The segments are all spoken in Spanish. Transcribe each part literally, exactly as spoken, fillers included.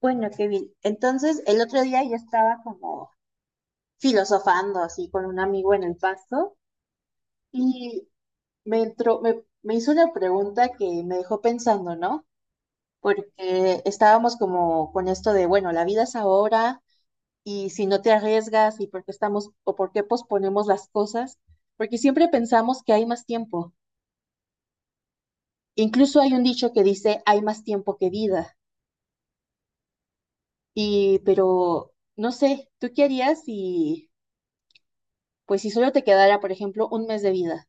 Bueno, qué bien. Entonces, el otro día yo estaba como filosofando así con un amigo en el pasto y me entró, me, me hizo una pregunta que me dejó pensando, ¿no? Porque estábamos como con esto de, bueno, la vida es ahora y si no te arriesgas y por qué estamos o por qué posponemos las cosas, porque siempre pensamos que hay más tiempo. Incluso hay un dicho que dice, hay más tiempo que vida. Y, pero, no sé, ¿tú qué harías si... pues si solo te quedara, por ejemplo, un mes de vida?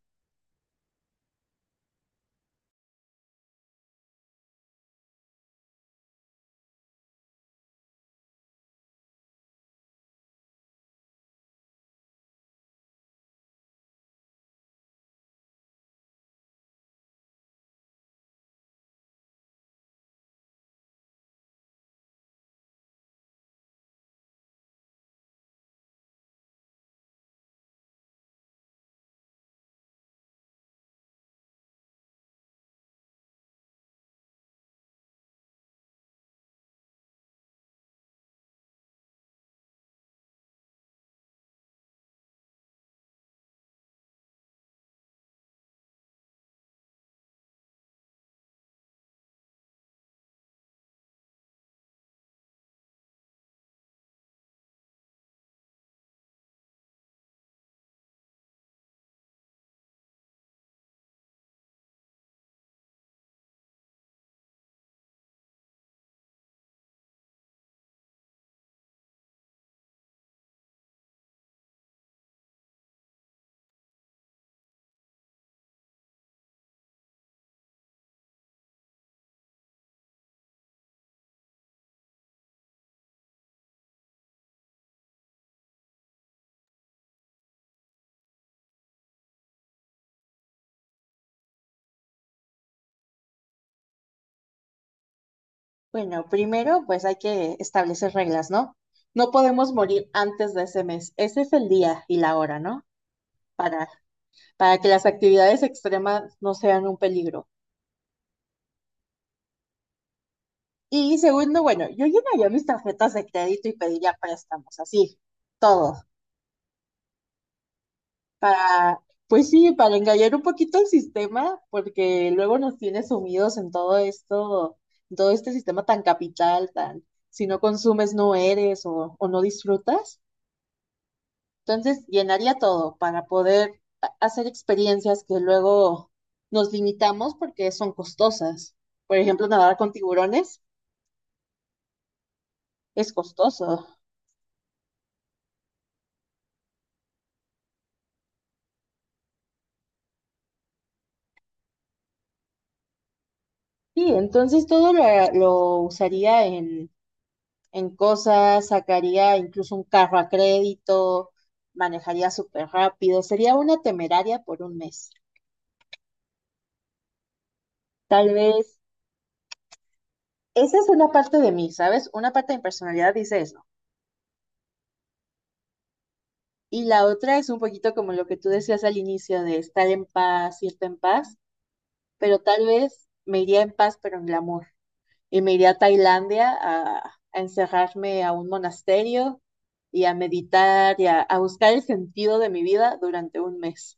Bueno, primero pues hay que establecer reglas, ¿no? No podemos morir antes de ese mes. Ese es el día y la hora, ¿no? Para, para que las actividades extremas no sean un peligro. Y segundo, bueno, yo llenaría mis tarjetas de crédito y pediría préstamos, así, todo. Para, pues sí, para engañar un poquito el sistema, porque luego nos tiene sumidos en todo esto, en todo este sistema tan capital, tan, si no consumes no eres o, o no disfrutas. Entonces, llenaría todo para poder ha- hacer experiencias que luego nos limitamos porque son costosas. Por ejemplo, nadar con tiburones es costoso. Sí, entonces todo lo, lo usaría en cosas, sacaría incluso un carro a crédito, manejaría súper rápido, sería una temeraria por un mes. Tal vez esa es una parte de mí, ¿sabes? Una parte de mi personalidad dice eso. Y la otra es un poquito como lo que tú decías al inicio de estar en paz, irte en paz, pero tal vez me iría en paz, pero en glamour. Y me iría a Tailandia a, a encerrarme a un monasterio y a meditar y a, a buscar el sentido de mi vida durante un mes.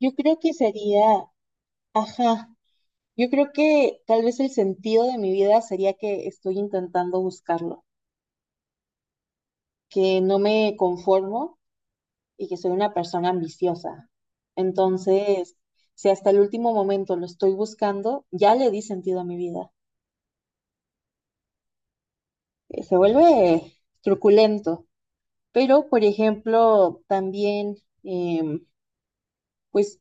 Yo creo que sería, ajá, yo creo que tal vez el sentido de mi vida sería que estoy intentando buscarlo, que no me conformo y que soy una persona ambiciosa. Entonces, si hasta el último momento lo estoy buscando, ya le di sentido a mi vida. Eh, Se vuelve truculento, pero por ejemplo, también, em, pues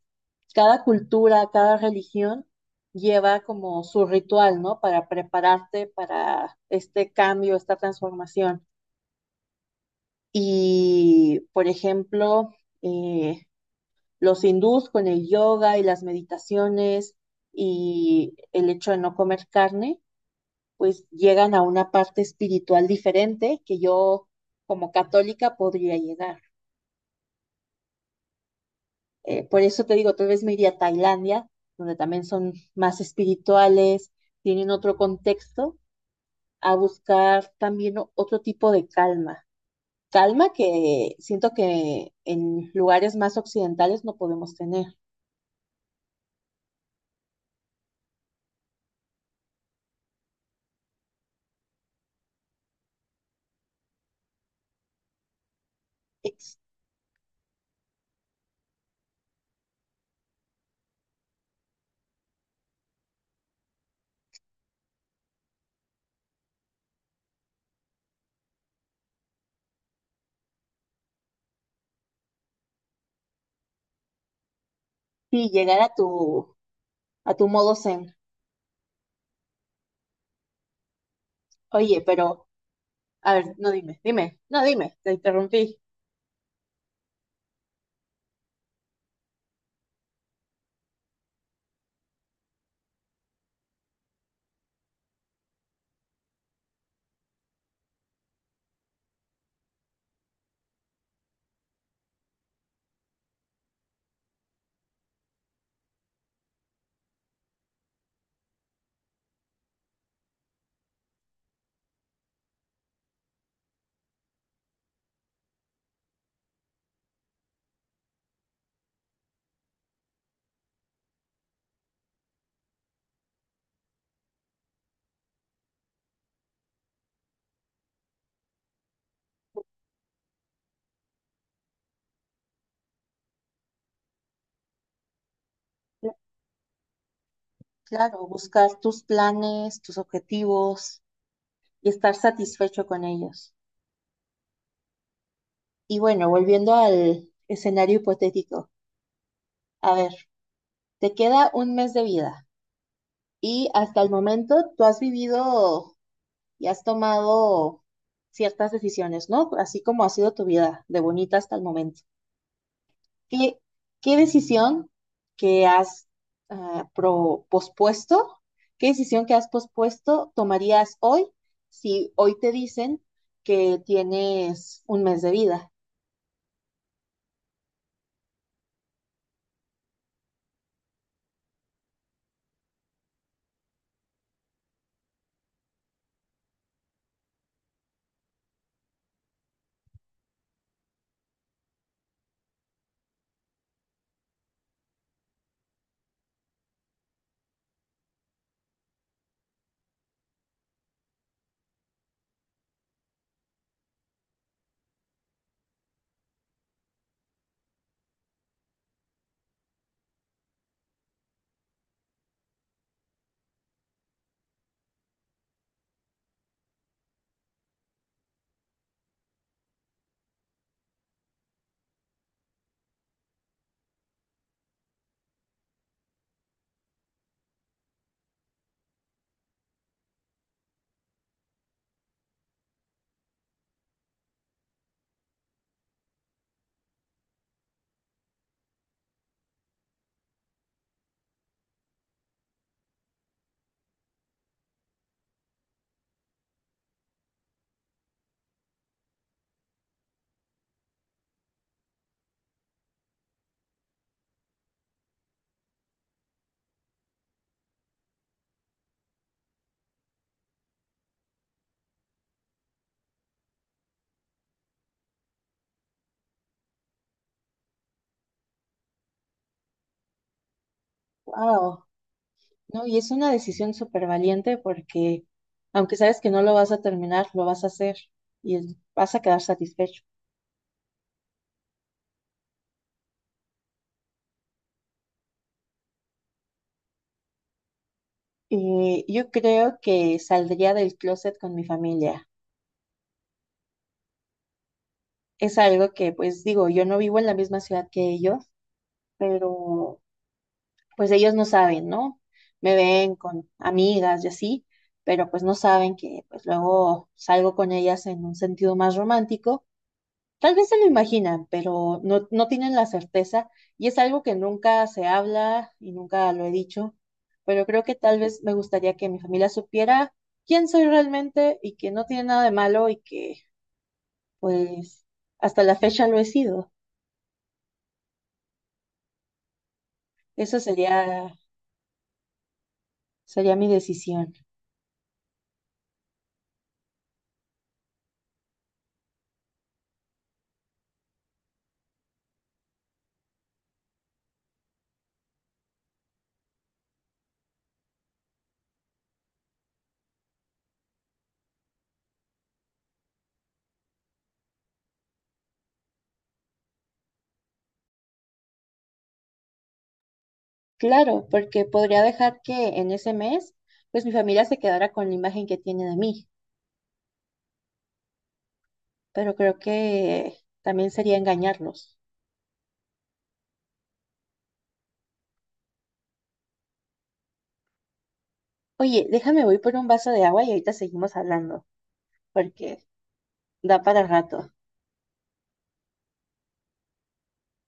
cada cultura, cada religión lleva como su ritual, ¿no? Para prepararte para este cambio, esta transformación. Y, por ejemplo, eh, los hindús con el yoga y las meditaciones y el hecho de no comer carne, pues llegan a una parte espiritual diferente que yo como católica podría llegar. Eh, por eso te digo, tal vez me iría a Tailandia, donde también son más espirituales, tienen otro contexto, a buscar también o- otro tipo de calma. Calma que siento que en lugares más occidentales no podemos tener. Ex- Y llegar a tu, a tu modo zen. Oye, pero, a ver, no dime, dime, no dime, te interrumpí. Cl- Claro, buscar tus planes, tus objetivos y estar satisfecho con ellos. Y bueno, volviendo al escenario hipotético. A ver, te queda un mes de vida y hasta el momento tú has vivido y has tomado ciertas decisiones, ¿no? Así como ha sido tu vida de bonita hasta el momento. ¿Qué, qué decisión que has ah, pro- pospuesto, qué decisión que has pospuesto tomarías hoy si hoy te dicen que tienes un mes de vida? Wow, ¿no? Y es una decisión súper valiente porque aunque sabes que no lo vas a terminar, lo vas a hacer y vas a quedar satisfecho. Eh, yo creo que saldría del closet con mi familia. Es algo que, pues digo, yo no vivo en la misma ciudad que ellos, pero pues ellos no saben, ¿no? Me ven con amigas y así, pero pues no saben que pues luego salgo con ellas en un sentido más romántico. Tal vez se lo imaginan, pero no, no tienen la certeza y es algo que nunca se habla y nunca lo he dicho, pero creo que tal vez me gustaría que mi familia supiera quién soy realmente y que no tiene nada de malo y que pues hasta la fecha lo he sido. Eso sería, sería mi decisión. Claro, porque podría dejar que en ese mes pues mi familia se quedara con la imagen que tiene de mí, pero creo que también sería engañarlos. Oye, déjame voy por un vaso de agua y ahorita seguimos hablando, porque da para rato.